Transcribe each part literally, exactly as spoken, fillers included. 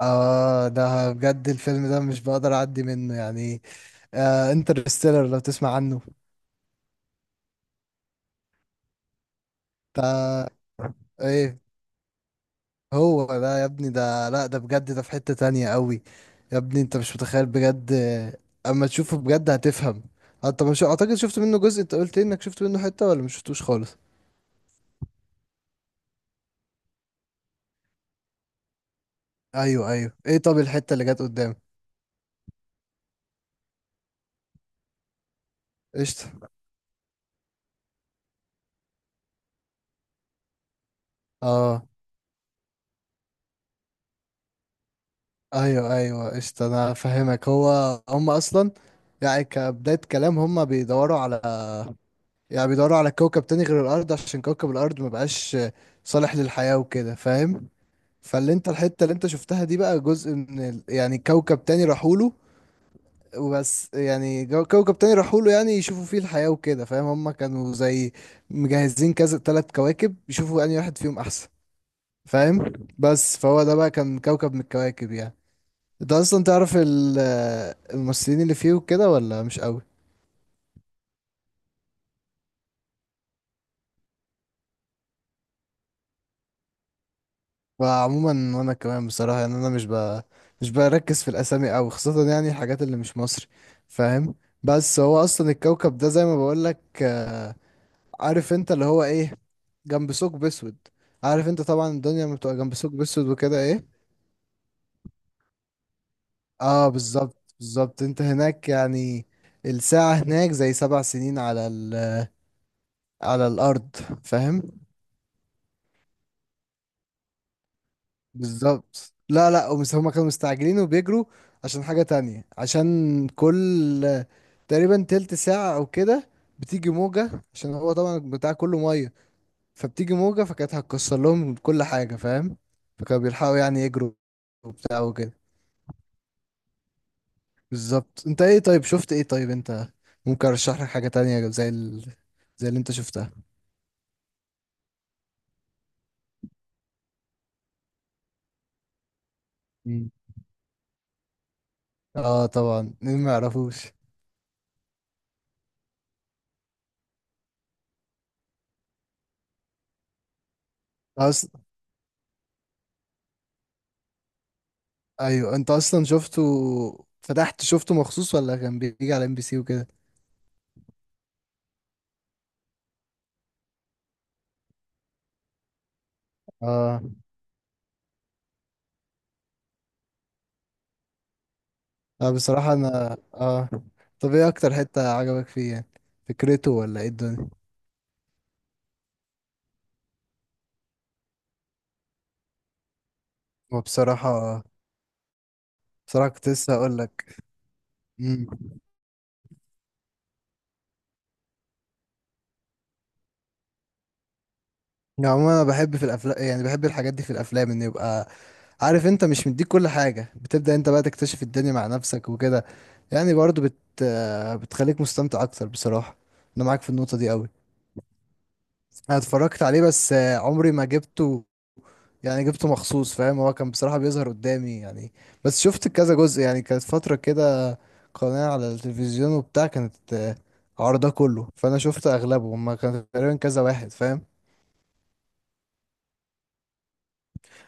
اه، ده بجد الفيلم ده مش بقدر اعدي منه يعني. آه انترستيلر لو تسمع عنه. ده ايه هو ده يا ابني. ده، لا، ده بجد، ده في حتة تانية قوي. يا ابني انت مش متخيل بجد آه، اما تشوفه بجد هتفهم. انت مش اعتقد شفت منه جزء؟ انت قلت لي انك شفت منه حتة ولا مش شفتوش خالص؟ ايوه ايوه، ايه؟ طب الحتة اللي جت قدام. قشطة. اه، ايوه ايوه، قشطة انا فاهمك. هو هم اصلا يعني كبداية كلام هم بيدوروا على، يعني بيدوروا على كوكب تاني غير الارض، عشان كوكب الارض ما بقاش صالح للحياة وكده، فاهم؟ فاللي انت الحتة اللي انت شفتها دي بقى جزء من ال... يعني كوكب تاني راحوله وبس. يعني جو- كوكب تاني راحوله يعني يشوفوا فيه الحياة وكده، فاهم؟ هما كانوا زي مجهزين كذا تلات كواكب يشوفوا انهي واحد فيهم احسن، فاهم؟ بس فهو ده بقى كان كوكب من الكواكب يعني. انت اصلا تعرف ال- الممثلين اللي فيه وكده ولا مش قوي؟ فعموما وانا كمان بصراحه يعني انا مش ب... مش بركز في الاسامي قوي، خاصه يعني الحاجات اللي مش مصري، فاهم؟ بس هو اصلا الكوكب ده زي ما بقول لك، عارف انت اللي هو ايه، جنب ثقب اسود. عارف انت طبعا الدنيا لما بتبقى جنب ثقب اسود وكده ايه. اه، بالظبط بالظبط. انت هناك يعني الساعه هناك زي سبع سنين على ال... على الارض، فاهم؟ بالظبط. لا لا، ومس- هما كانوا مستعجلين وبيجروا عشان حاجة تانية، عشان كل تقريبا تلت ساعة أو كده بتيجي موجة، عشان هو طبعا بتاع كله مية، فبتيجي موجة فكانت هتكسر لهم كل حاجة، فاهم؟ فكانوا بيلحقوا يعني يجروا وبتاع وكده. بالظبط. انت ايه طيب، شفت ايه طيب انت؟ ممكن ارشح لك حاجة تانية زي ال... زي اللي انت شفتها. مم. اه طبعا، مين ما يعرفوش. أص... ايوه، انت اصلا شفته؟ فتحت شفته مخصوص ولا كان بيجي على ام بي سي وكده؟ اه. لا بصراحة انا اه، طب ايه اكتر حتة عجبك فيه يعني؟ فكرته ولا ايه الدنيا؟ هو بصراحة، بصراحة كنت لسه هقول لك. امم يعني عموما انا بحب في الافلام، يعني بحب الحاجات دي في الافلام ان يبقى عارف انت مش مديك كل حاجة، بتبدأ انت بقى تكتشف الدنيا مع نفسك وكده. يعني برضو بت آه، بتخليك مستمتع اكتر، بصراحة. انا معاك في النقطة دي قوي. انا اتفرجت عليه بس آه، عمري ما جبته يعني. جبته مخصوص، فاهم؟ هو كان بصراحة بيظهر قدامي يعني، بس شفت كذا جزء. يعني كانت فترة كده قناة على التلفزيون وبتاع، كانت آه، عرضه كله. فأنا شفت أغلبه. هما كان تقريبا كذا واحد، فاهم؟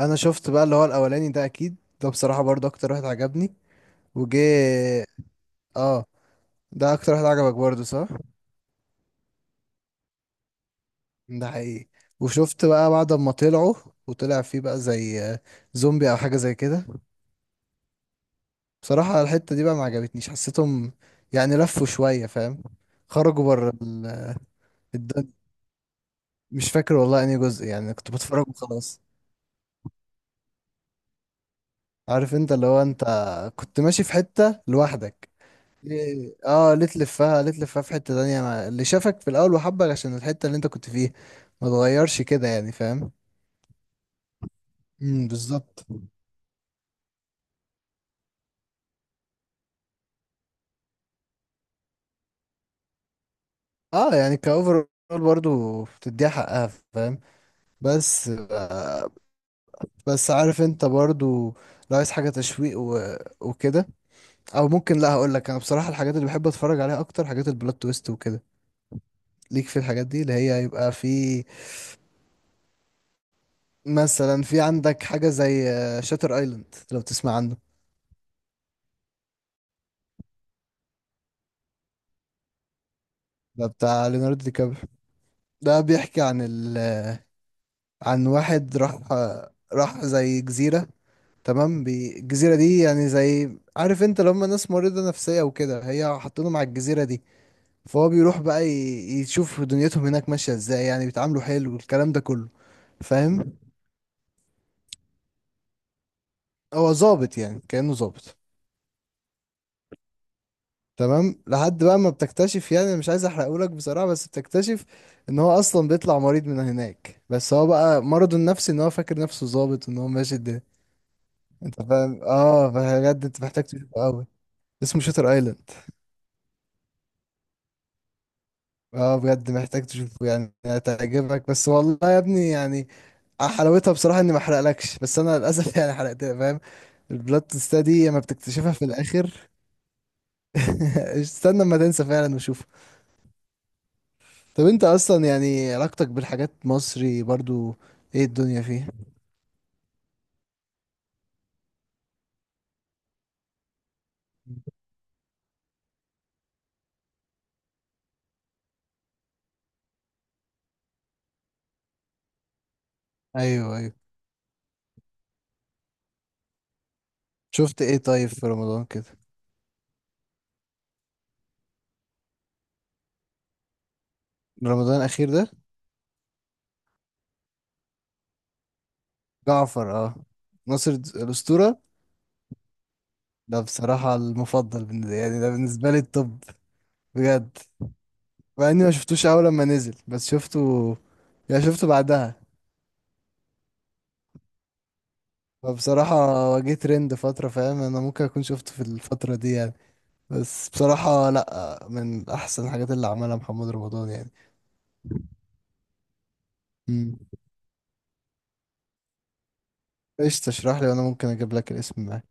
أنا شفت بقى اللي هو الأولاني ده أكيد. ده بصراحة برضه أكتر واحد عجبني وجه. اه، ده أكتر واحد عجبك برضه، صح؟ ده حقيقي. وشفت بقى بعد ما طلعوا، وطلع فيه بقى زي آه، زومبي أو حاجة زي كده. بصراحة الحتة دي بقى ما عجبتنيش، حسيتهم يعني لفوا شوية، فاهم؟ خرجوا بره ال- الدنيا. مش فاكر والله انهي جزء يعني، كنت بتفرج وخلاص. عارف انت اللي هو انت كنت ماشي في حتة لوحدك. ليه- اه ليه تلفها؟ ليه تلفها في حتة تانية ما- اللي شافك في الأول وحبك عشان الحتة اللي انت كنت فيها، ما تغيرش كده يعني، فاهم؟ امم، بالظبط. اه يعني كأوفر برضو بتديها حقها، فاهم؟ بس بس عارف انت برضو لو عايز حاجة تشويق و... وكده، او ممكن، لا هقول لك. انا بصراحه الحاجات اللي بحب اتفرج عليها اكتر حاجات البلوت تويست وكده. ليك في الحاجات دي اللي هي يبقى في مثلا، في عندك حاجه زي شاتر ايلاند لو تسمع عنه. ده بتاع ليوناردو دي كابريو. ده بيحكي عن ال... عن واحد راح آه، راح زي جزيره. تمام، بي... الجزيره دي يعني زي عارف انت لما ناس مريضه نفسيه وكده هي حاطينهم على الجزيره دي، فهو بيروح بقى ي... يشوف دنيتهم هناك ماشيه ازاي، يعني بيتعاملوا حلو والكلام ده كله، فاهم؟ هو ظابط يعني كأنه ظابط. تمام لحد بقى ما بتكتشف، يعني أنا مش عايز احرقهولك بصراحة، بس بتكتشف ان هو اصلا بيطلع مريض من هناك، بس هو بقى مرضه النفسي ان هو فاكر نفسه ظابط وان هو ماشي الدنيا. انت فاهم؟ اه بجد انت محتاج تشوفه قوي. اسمه شوتر ايلاند. اه بجد محتاج تشوفه، يعني هتعجبك. بس والله يا ابني يعني حلاوتها بصراحة اني ما احرقلكش، بس انا للاسف يعني حرقت، فاهم؟ البلاد تيست دي لما بتكتشفها في الاخر. استنى ما تنسى فعلا وشوف. طب انت اصلا يعني علاقتك بالحاجات مصري برضو، ايه الدنيا فيه؟ ايوه ايوه. شفت ايه طيب في رمضان كده؟ رمضان الاخير ده؟ جعفر، اه. ناصر د- الاسطوره ده. بصراحه المفضل بالنسبه، يعني ده بالنسبه لي الطب. بجد. مع اني ما شفتوش اول لما نزل بس شفته، يعني شفته بعدها. فبصراحة واجهت ترند فترة، فاهم؟ انا ممكن اكون شفته في الفترة دي يعني. بس بصراحة لا، من احسن الحاجات اللي عملها محمد رمضان يعني. مم. ايش تشرح لي وانا ممكن اجيب لك الاسم معاك.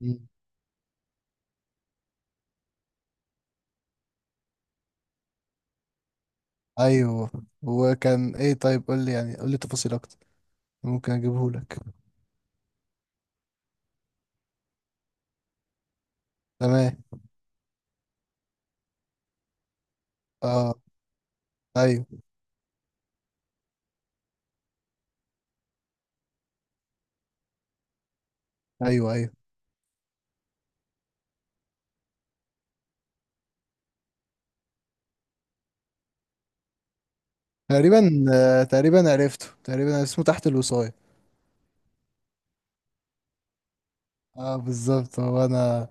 مم. ايوه. وكان ايه طيب؟ قول لي، يعني قول لي تفاصيل اكتر، ممكن اجيبه لك. تمام. اه. ايوه ايوه ايوه. تقريبا، آه تقريبا عرفته. تقريبا اسمه تحت الوصاية. اه بالظبط، هو انا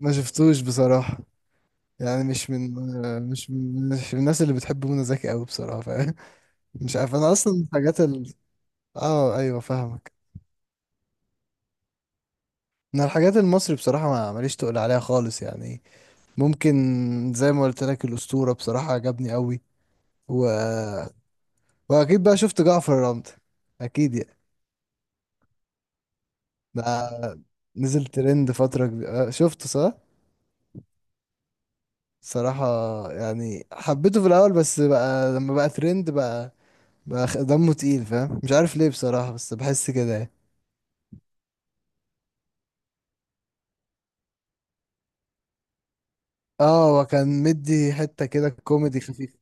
ما شفتوش بصراحة. يعني مش من، آه، مش من مش من الناس اللي بتحب منى زكي قوي، بصراحة، فاهم؟ مش عارف انا اصلا الحاجات ال... اه ايوه فاهمك. انا الحاجات المصري بصراحة ما ماليش تقول عليها خالص يعني. ممكن، زي ما قلت لك الأسطورة بصراحة عجبني قوي، و... وأكيد بقى شفت جعفر العمدة، أكيد يعني. ده نزل ترند فترة كبيرة آه، شفته صح؟ صراحة يعني حبيته في الأول، بس بقى لما بقى ترند بقى بقى خ- دمه تقيل، فاهم؟ مش عارف ليه بصراحة بس بحس كده يعني. اه وكان مدي حتة كده كوميدي خفيف.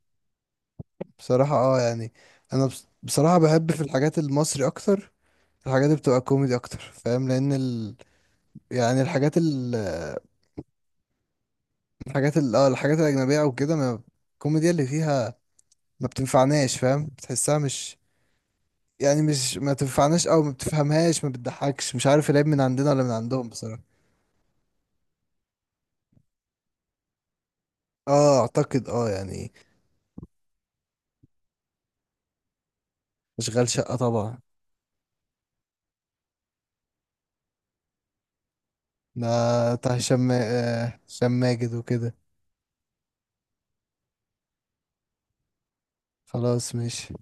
بصراحة اه يعني أنا بص- بصراحة بحب في الحاجات المصري أكتر، الحاجات اللي بتبقى كوميدي أكتر، فاهم؟ لأن ال... يعني الحاجات، الحاجات ال اه الحاجات الأجنبية أو كده، ما الكوميديا اللي فيها ما بتنفعناش، فاهم؟ بتحسها مش، يعني مش ما تنفعناش أو ما بتفهمهاش، ما بتضحكش، مش عارف العيب من عندنا ولا من عندهم بصراحة. اه أعتقد، اه يعني. أشغال شقة طبعا. ده بتاع هشام ما- آه، هشام ماجد وكده. خلاص ماشي.